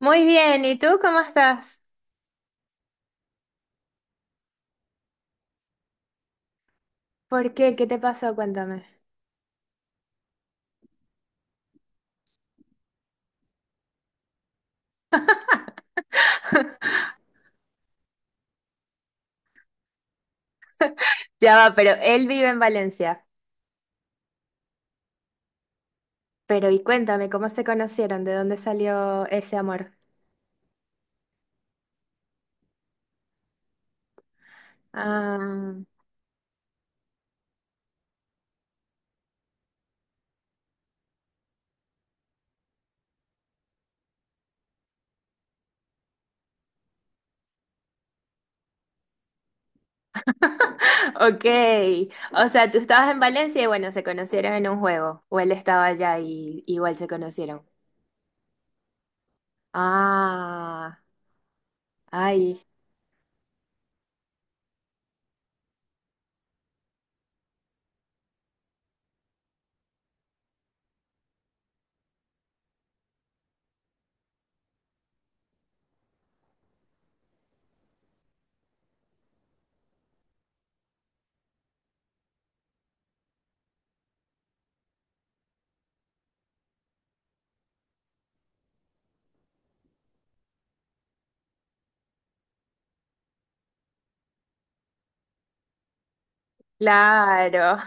Muy bien, ¿y tú cómo estás? ¿Por qué? ¿Qué te pasó? Cuéntame. Ya va, pero él vive en Valencia. Pero y cuéntame, ¿cómo se conocieron? ¿De dónde salió ese amor? Ah, ok. O sea, tú estabas en Valencia y bueno, se conocieron en un juego. O él estaba allá y igual se conocieron. Ah, ay, claro.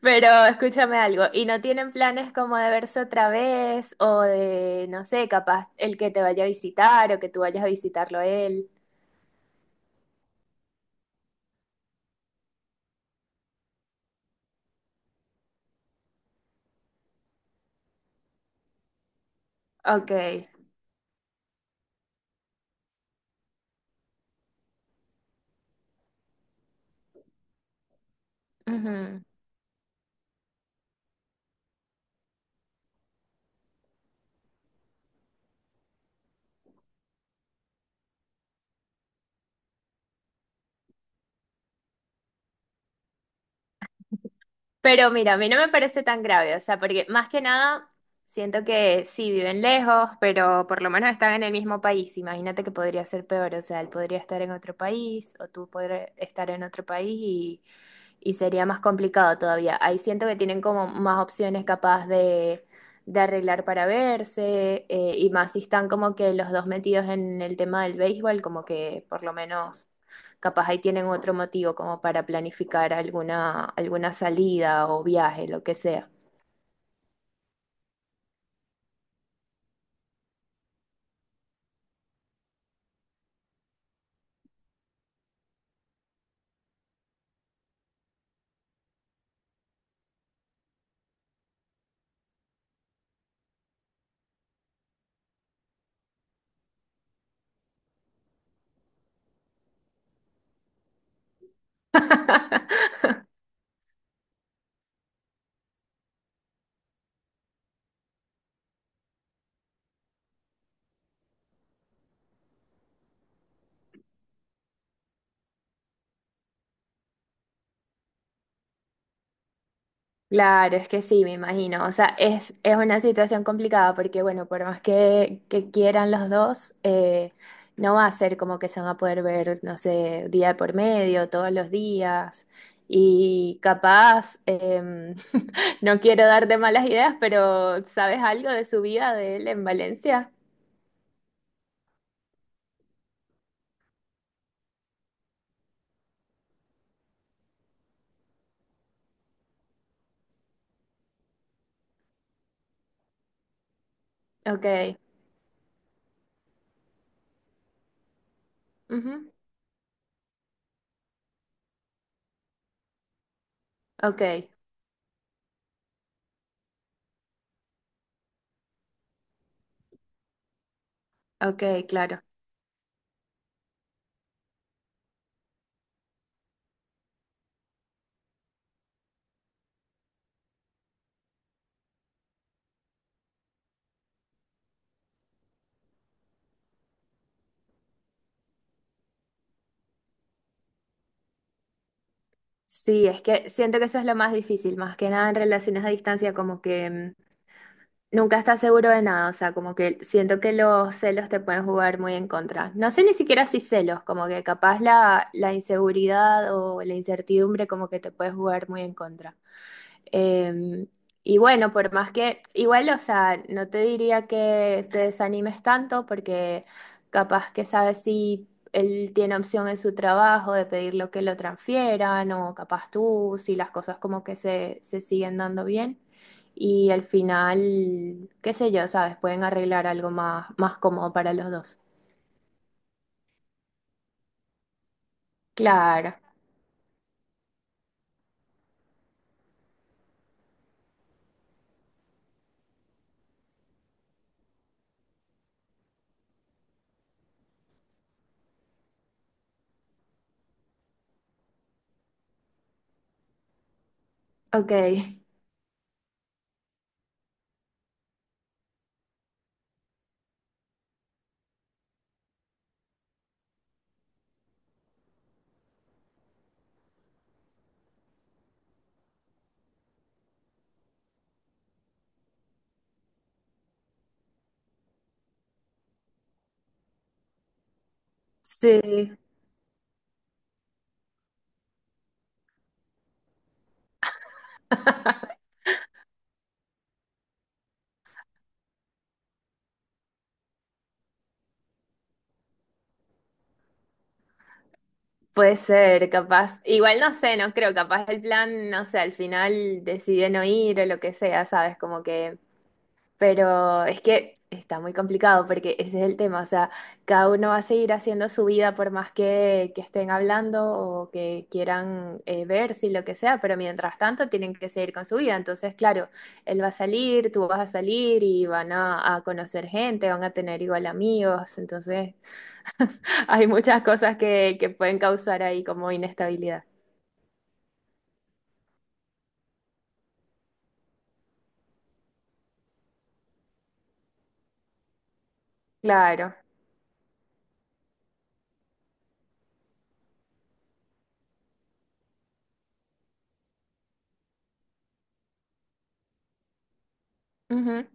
Pero escúchame algo, ¿y no tienen planes como de verse otra vez o de, no sé, capaz el que te vaya a visitar o que tú vayas a visitarlo a él? Ok, ujú. Pero mira, a mí no me parece tan grave, o sea, porque más que nada siento que sí viven lejos, pero por lo menos están en el mismo país. Imagínate que podría ser peor, o sea, él podría estar en otro país o tú podrías estar en otro país y sería más complicado todavía. Ahí siento que tienen como más opciones capaz de arreglar para verse y más si están como que los dos metidos en el tema del béisbol, como que por lo menos capaz ahí tienen otro motivo como para planificar alguna, alguna salida o viaje, lo que sea. Claro, es que sí, me imagino. O sea, es una situación complicada porque, bueno, por más que quieran los dos, no va a ser como que se van a poder ver, no sé, día de por medio, todos los días. Y capaz, no quiero darte malas ideas, pero ¿sabes algo de su vida de él en Valencia? Ok, ujú, ok, ok, claro. Sí, es que siento que eso es lo más difícil, más que nada en relaciones a distancia, como que... Nunca estás seguro de nada, o sea, como que siento que los celos te pueden jugar muy en contra. No sé ni siquiera si celos, como que capaz la, la inseguridad o la incertidumbre como que te puede jugar muy en contra. Em, y bueno, por más que, igual, o sea, no te diría que te desanimes tanto porque capaz que sabes si él tiene opción en su trabajo de pedir lo que lo transfieran o capaz tú, si las cosas como que se siguen dando bien. Y al final, qué sé yo, sabes, pueden arreglar algo más, más cómodo para los dos. Claro, ok, sí. Puede ser, capaz. Igual no sé, no creo, capaz el plan, no sé, al final decidió no ir o lo que sea, ¿sabes? Como que... Pero es que está muy complicado porque ese es el tema, o sea, cada uno va a seguir haciendo su vida por más que estén hablando o que quieran verse y lo que sea, pero mientras tanto tienen que seguir con su vida. Entonces, claro, él va a salir, tú vas a salir y van a conocer gente, van a tener igual amigos, entonces hay muchas cosas que pueden causar ahí como inestabilidad. Claro. Ujú.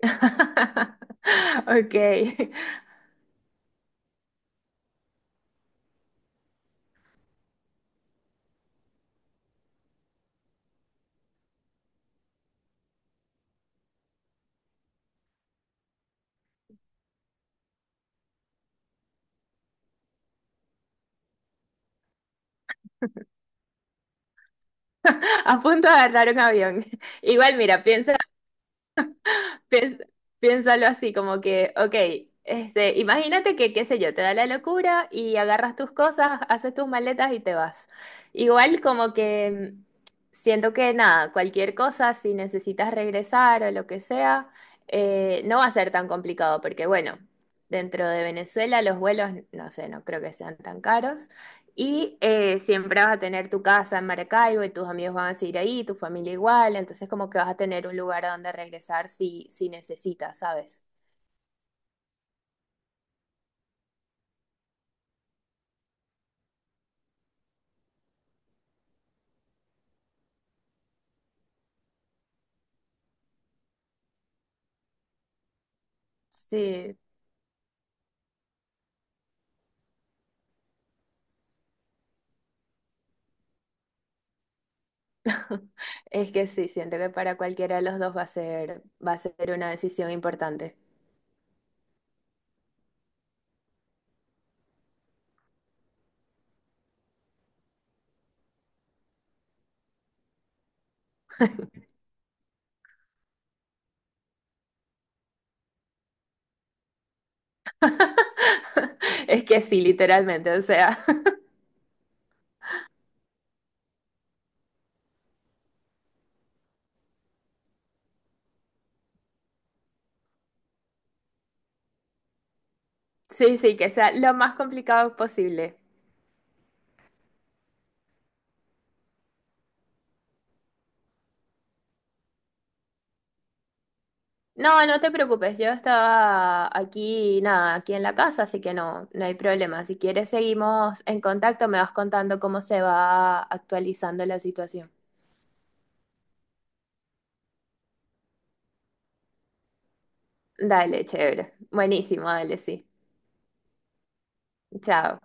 Ok. A punto de agarrar un avión. Igual, mira, piensa. Piens- Piénsalo así, como que, ok, este, imagínate que, qué sé yo, te da la locura y agarras tus cosas, haces tus maletas y te vas. Igual como que siento que nada, cualquier cosa, si necesitas regresar o lo que sea, no va a ser tan complicado, porque bueno, dentro de Venezuela los vuelos, no sé, no creo que sean tan caros. Y siempre vas a tener tu casa en Maracaibo y tus amigos van a seguir ahí, tu familia igual, entonces como que vas a tener un lugar a donde regresar si, si necesitas, ¿sabes? Sí, es que sí, siento que para cualquiera de los dos va a ser una decisión importante. Es que sí, literalmente, o sea, sí, sí, que sea lo más complicado posible. No, no te preocupes, yo estaba aquí, nada, aquí en la casa, así que no, no hay problema. Si quieres, seguimos en contacto, me vas contando cómo se va actualizando la situación. Dale, chévere. Buenísimo, dale, sí. Chao.